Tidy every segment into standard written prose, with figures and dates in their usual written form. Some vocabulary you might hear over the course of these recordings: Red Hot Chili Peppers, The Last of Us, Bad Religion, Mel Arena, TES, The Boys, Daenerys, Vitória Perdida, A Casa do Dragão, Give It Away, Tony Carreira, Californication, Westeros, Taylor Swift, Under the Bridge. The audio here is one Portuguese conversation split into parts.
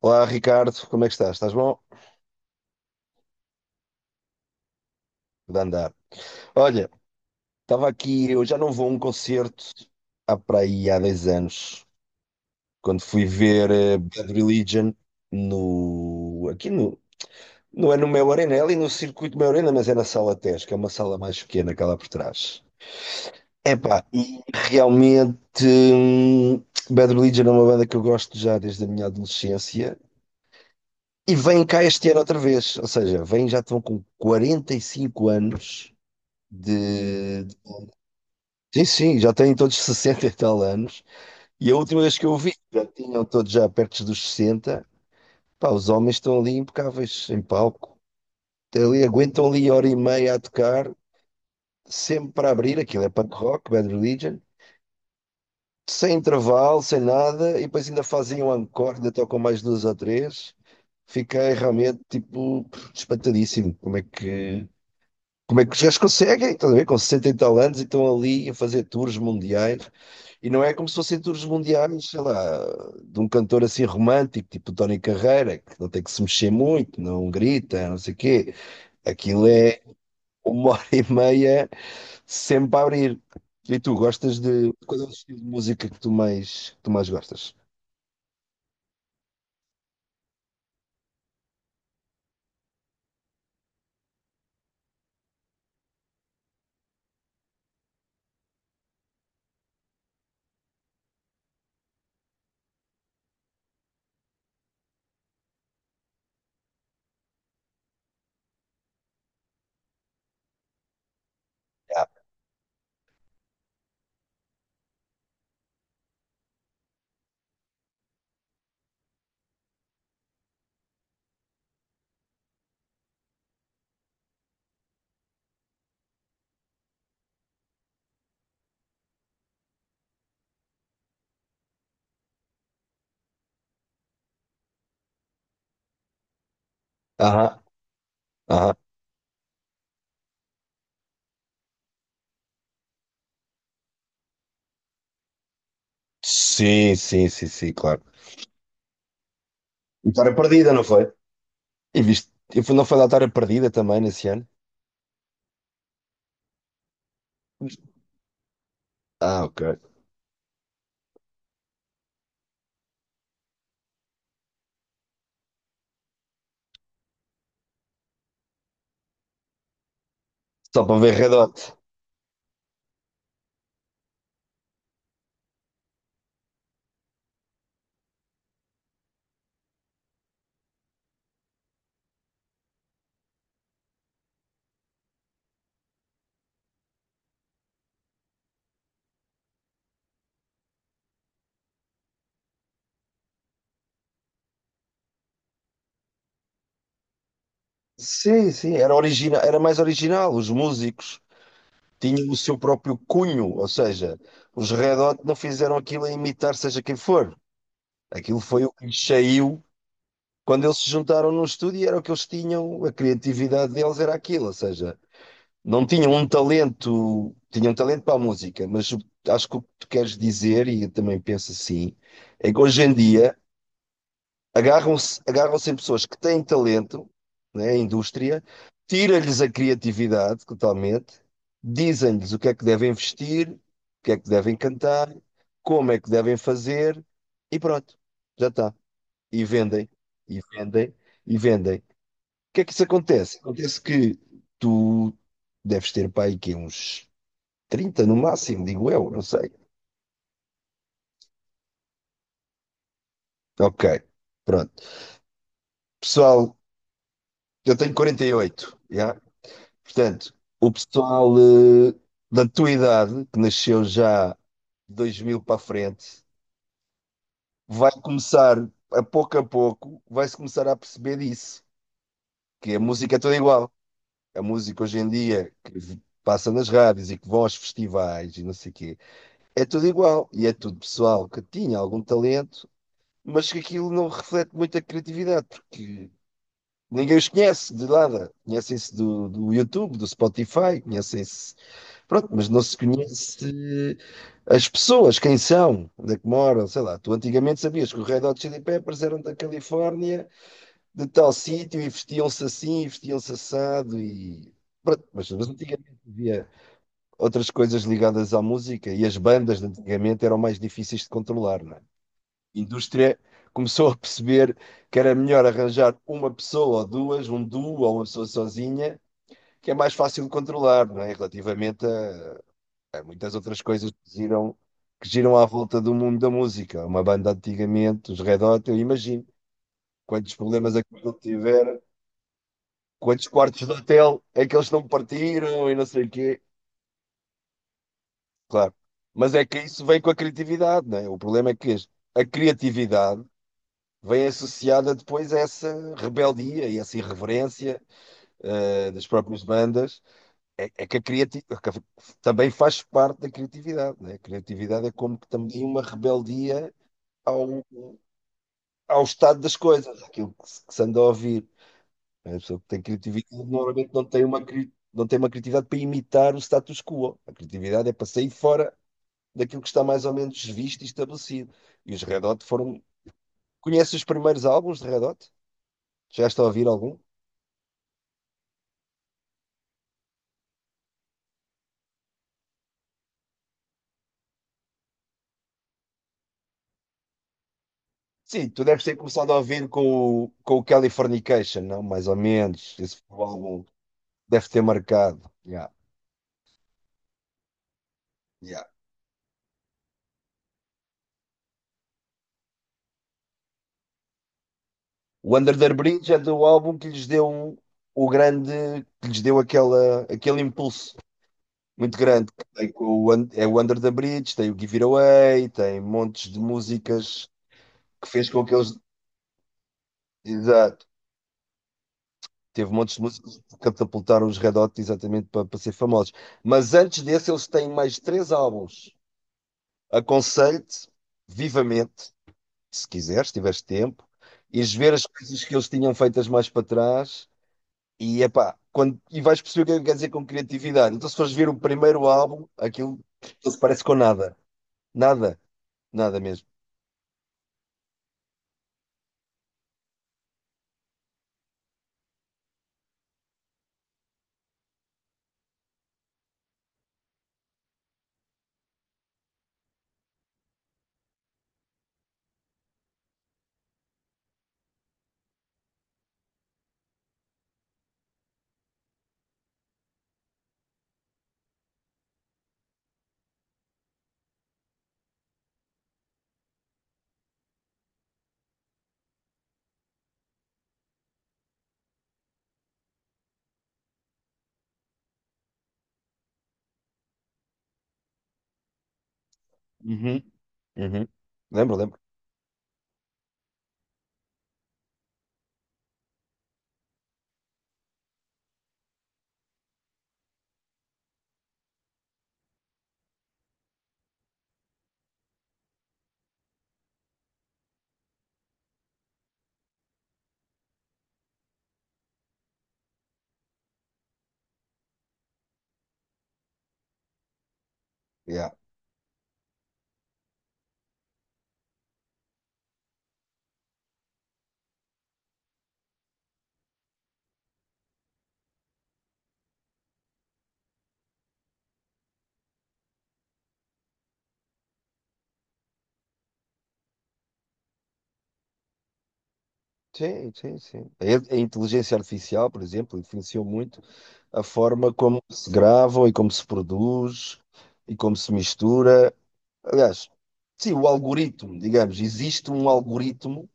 Olá Ricardo, como é que estás? Estás bom? De andar. Olha, estava aqui, eu já não vou a um concerto há para aí há 10 anos, quando fui ver Bad Religion no, aqui no, não é no Mel Arena, é ali no circuito Mel Arena, mas é na sala TES, que é uma sala mais pequena que há lá por trás. Epá, e realmente Bad Religion é uma banda que eu gosto já desde a minha adolescência e vem cá este ano outra vez, ou seja, vem já estão com 45 anos de. Sim, sim, já têm todos 60 e tal anos. E a última vez que eu vi, já tinham todos já perto dos 60. Pá, os homens estão ali impecáveis em palco. Até ali, aguentam ali hora e meia a tocar, sempre para abrir. Aquilo é punk rock, Bad Religion. Sem intervalo, sem nada. E depois ainda fazem um encore, ainda tocam mais duas ou três. Fiquei realmente, tipo, espantadíssimo. Como é que os gajos conseguem? Estás a ver? Com 60 e tal anos e estão ali a fazer tours mundiais. E não é como se fossem tours mundiais, sei lá, de um cantor assim romântico, tipo Tony Carreira, que não tem que se mexer muito, não grita, não sei o quê. Aquilo é uma hora e meia sempre a abrir. E tu gostas de. Qual é o estilo de música que tu mais gostas? Ah, aham, aham. Sim, sim, sim, sim, claro. E Vitória Perdida, não foi? E viste? Eu fui, não foi da Vitória Perdida também nesse ano? Ah, ok. Só para ver Red Hot. Sim, sim, era original, era mais original, os músicos, tinha o seu próprio cunho, ou seja, os Red Hot não fizeram aquilo a imitar seja quem for. Aquilo foi o que lhes saiu quando eles se juntaram num estúdio e era o que eles tinham, a criatividade deles era aquilo, ou seja, não tinham um talento, tinham talento para a música, acho que o que tu queres dizer, e eu também penso assim, é que hoje em dia agarram-se em pessoas que têm talento, né, a indústria, tira-lhes a criatividade totalmente, dizem-lhes o que é que devem vestir, o que é que devem cantar, como é que devem fazer, e pronto, já está. E vendem, e vendem, e vendem. O que é que isso acontece? Acontece que tu deves ter para aí que uns 30 no máximo, digo eu, não sei. Ok, pronto. Pessoal, eu tenho 48 já? Portanto, o pessoal da tua idade, que nasceu já de 2000 para a frente, vai começar, a pouco, vai-se começar a perceber disso, que a música é toda igual. A música hoje em dia, passa nas rádios e que vão aos festivais e não sei o quê, é tudo igual. E é tudo pessoal que tinha algum talento, mas que aquilo não reflete muita criatividade, porque ninguém os conhece de nada. Conhecem-se do YouTube, do Spotify, conhecem-se. Pronto, mas não se conhece as pessoas, quem são, onde é que moram, sei lá. Tu antigamente sabias que os Red Hot Chili Peppers eram da Califórnia, de tal sítio, e vestiam-se assim, e vestiam-se assado, e... Pronto, mas antigamente havia outras coisas ligadas à música, e as bandas de antigamente eram mais difíceis de controlar, não é? A indústria começou a perceber que era melhor arranjar uma pessoa ou duas, um duo ou uma pessoa sozinha, que é mais fácil de controlar, não é? Relativamente a muitas outras coisas que giram à volta do mundo da música. Uma banda antigamente, os Red Hot, eu imagino quantos problemas aquilo tiver, quantos quartos de hotel é que eles não partiram e não sei o quê. Claro. Mas é que isso vem com a criatividade, não é? O problema é que a criatividade vem associada depois a essa rebeldia e essa irreverência das próprias bandas. É que a criatividade também faz parte da criatividade, não é? A criatividade é como que também uma rebeldia ao estado das coisas, aquilo que se anda a ouvir. A pessoa que tem criatividade normalmente não tem uma criatividade para imitar o status quo. A criatividade é para sair fora daquilo que está mais ou menos visto e estabelecido. E os Red Hot foram. Conheces os primeiros álbuns de Red Hot? Chegaste a ouvir algum? Sim, tu deves ter começado a ouvir com o Californication, não? Mais ou menos. Esse foi o álbum que deve ter marcado. Yeah. Yeah. O Under the Bridge é do álbum que lhes deu um, o grande, que lhes deu aquela, aquele impulso muito grande, que tem o, é o Under the Bridge, tem o Give It Away, tem montes de músicas que fez com que eles. Exato. Teve montes de músicas que catapultaram os Red Hot exatamente para ser famosos. Mas antes desse, eles têm mais três álbuns. Aconselho-te vivamente, se quiseres, se tiveres tempo, ires ver as coisas que eles tinham feitas mais para trás. E, epá, quando, e vais perceber o que é que quer dizer com criatividade. Então, se fores ver o primeiro álbum, aquilo não se parece com nada. Nada, nada mesmo. Uhum, uhum. Lembro, lembro. Yeah. Sim, sim, sim. A inteligência artificial, por exemplo, influenciou muito a forma como se gravam e como se produz e como se mistura. Aliás, sim, o algoritmo, digamos, existe um algoritmo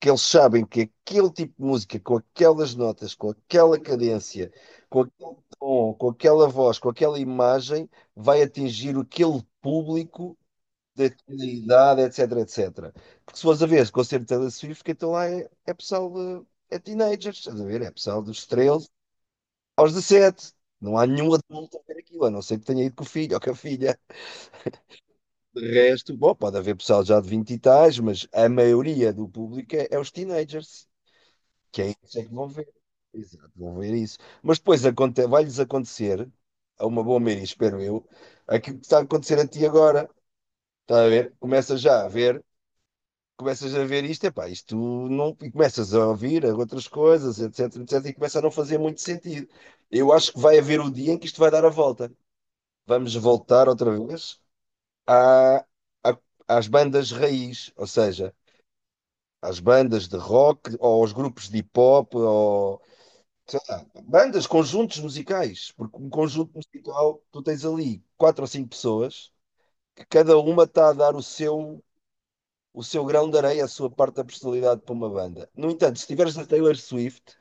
que eles sabem que aquele tipo de música, com aquelas notas, com aquela cadência, com aquele tom, com aquela voz, com aquela imagem, vai atingir aquele público daquela idade, etc, etc. Porque se fores a ver esse concerto de Taylor Swift, que então lá é, é pessoal de, é teenagers, estás a ver? É pessoal dos 13 aos 17. Não há nenhum adulto a ver aquilo, a não ser que tenha ido com o filho ou com a filha. De resto, bom, pode haver pessoal já de 20 e tais, mas a maioria do público é, é os teenagers. Que é isso é que vão ver. Exato, vão ver isso. Mas depois vai-lhes acontecer, a uma boa maioria, espero eu, aquilo que está a acontecer a ti agora. Está a ver? Começas já a ver, começas a ver isto, epá, isto não. E começas a ouvir outras coisas, etc, etc, e começa a não fazer muito sentido. Eu acho que vai haver o dia em que isto vai dar a volta. Vamos voltar outra vez à- à- às bandas raiz, ou seja, às bandas de rock, ou aos grupos de hip hop, bandas, conjuntos musicais, porque um conjunto musical, tu tens ali quatro ou cinco pessoas que cada uma está a dar o seu grão de areia, a sua parte da personalidade para uma banda. No entanto, se estiveres na Taylor Swift,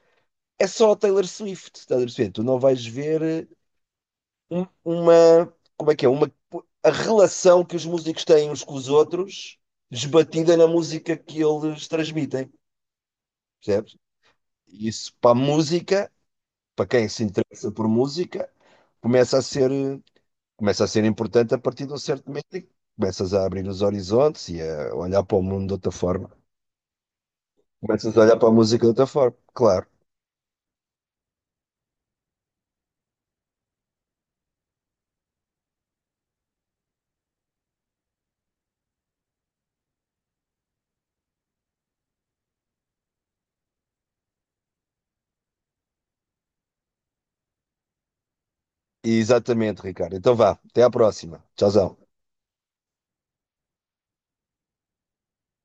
é só a Taylor Swift, estás a perceber? Tu não vais ver uma, como é que é? Uma, a relação que os músicos têm uns com os outros esbatida na música que eles transmitem, percebes? E isso para a música, para quem se interessa por música, começa a ser eh, começa a ser importante a partir de um certo momento em que começas a abrir os horizontes e a olhar para o mundo de outra forma. Começas a olhar para a música de outra forma, claro. E exatamente, Ricardo. Então vá, até à próxima. Tchauzão.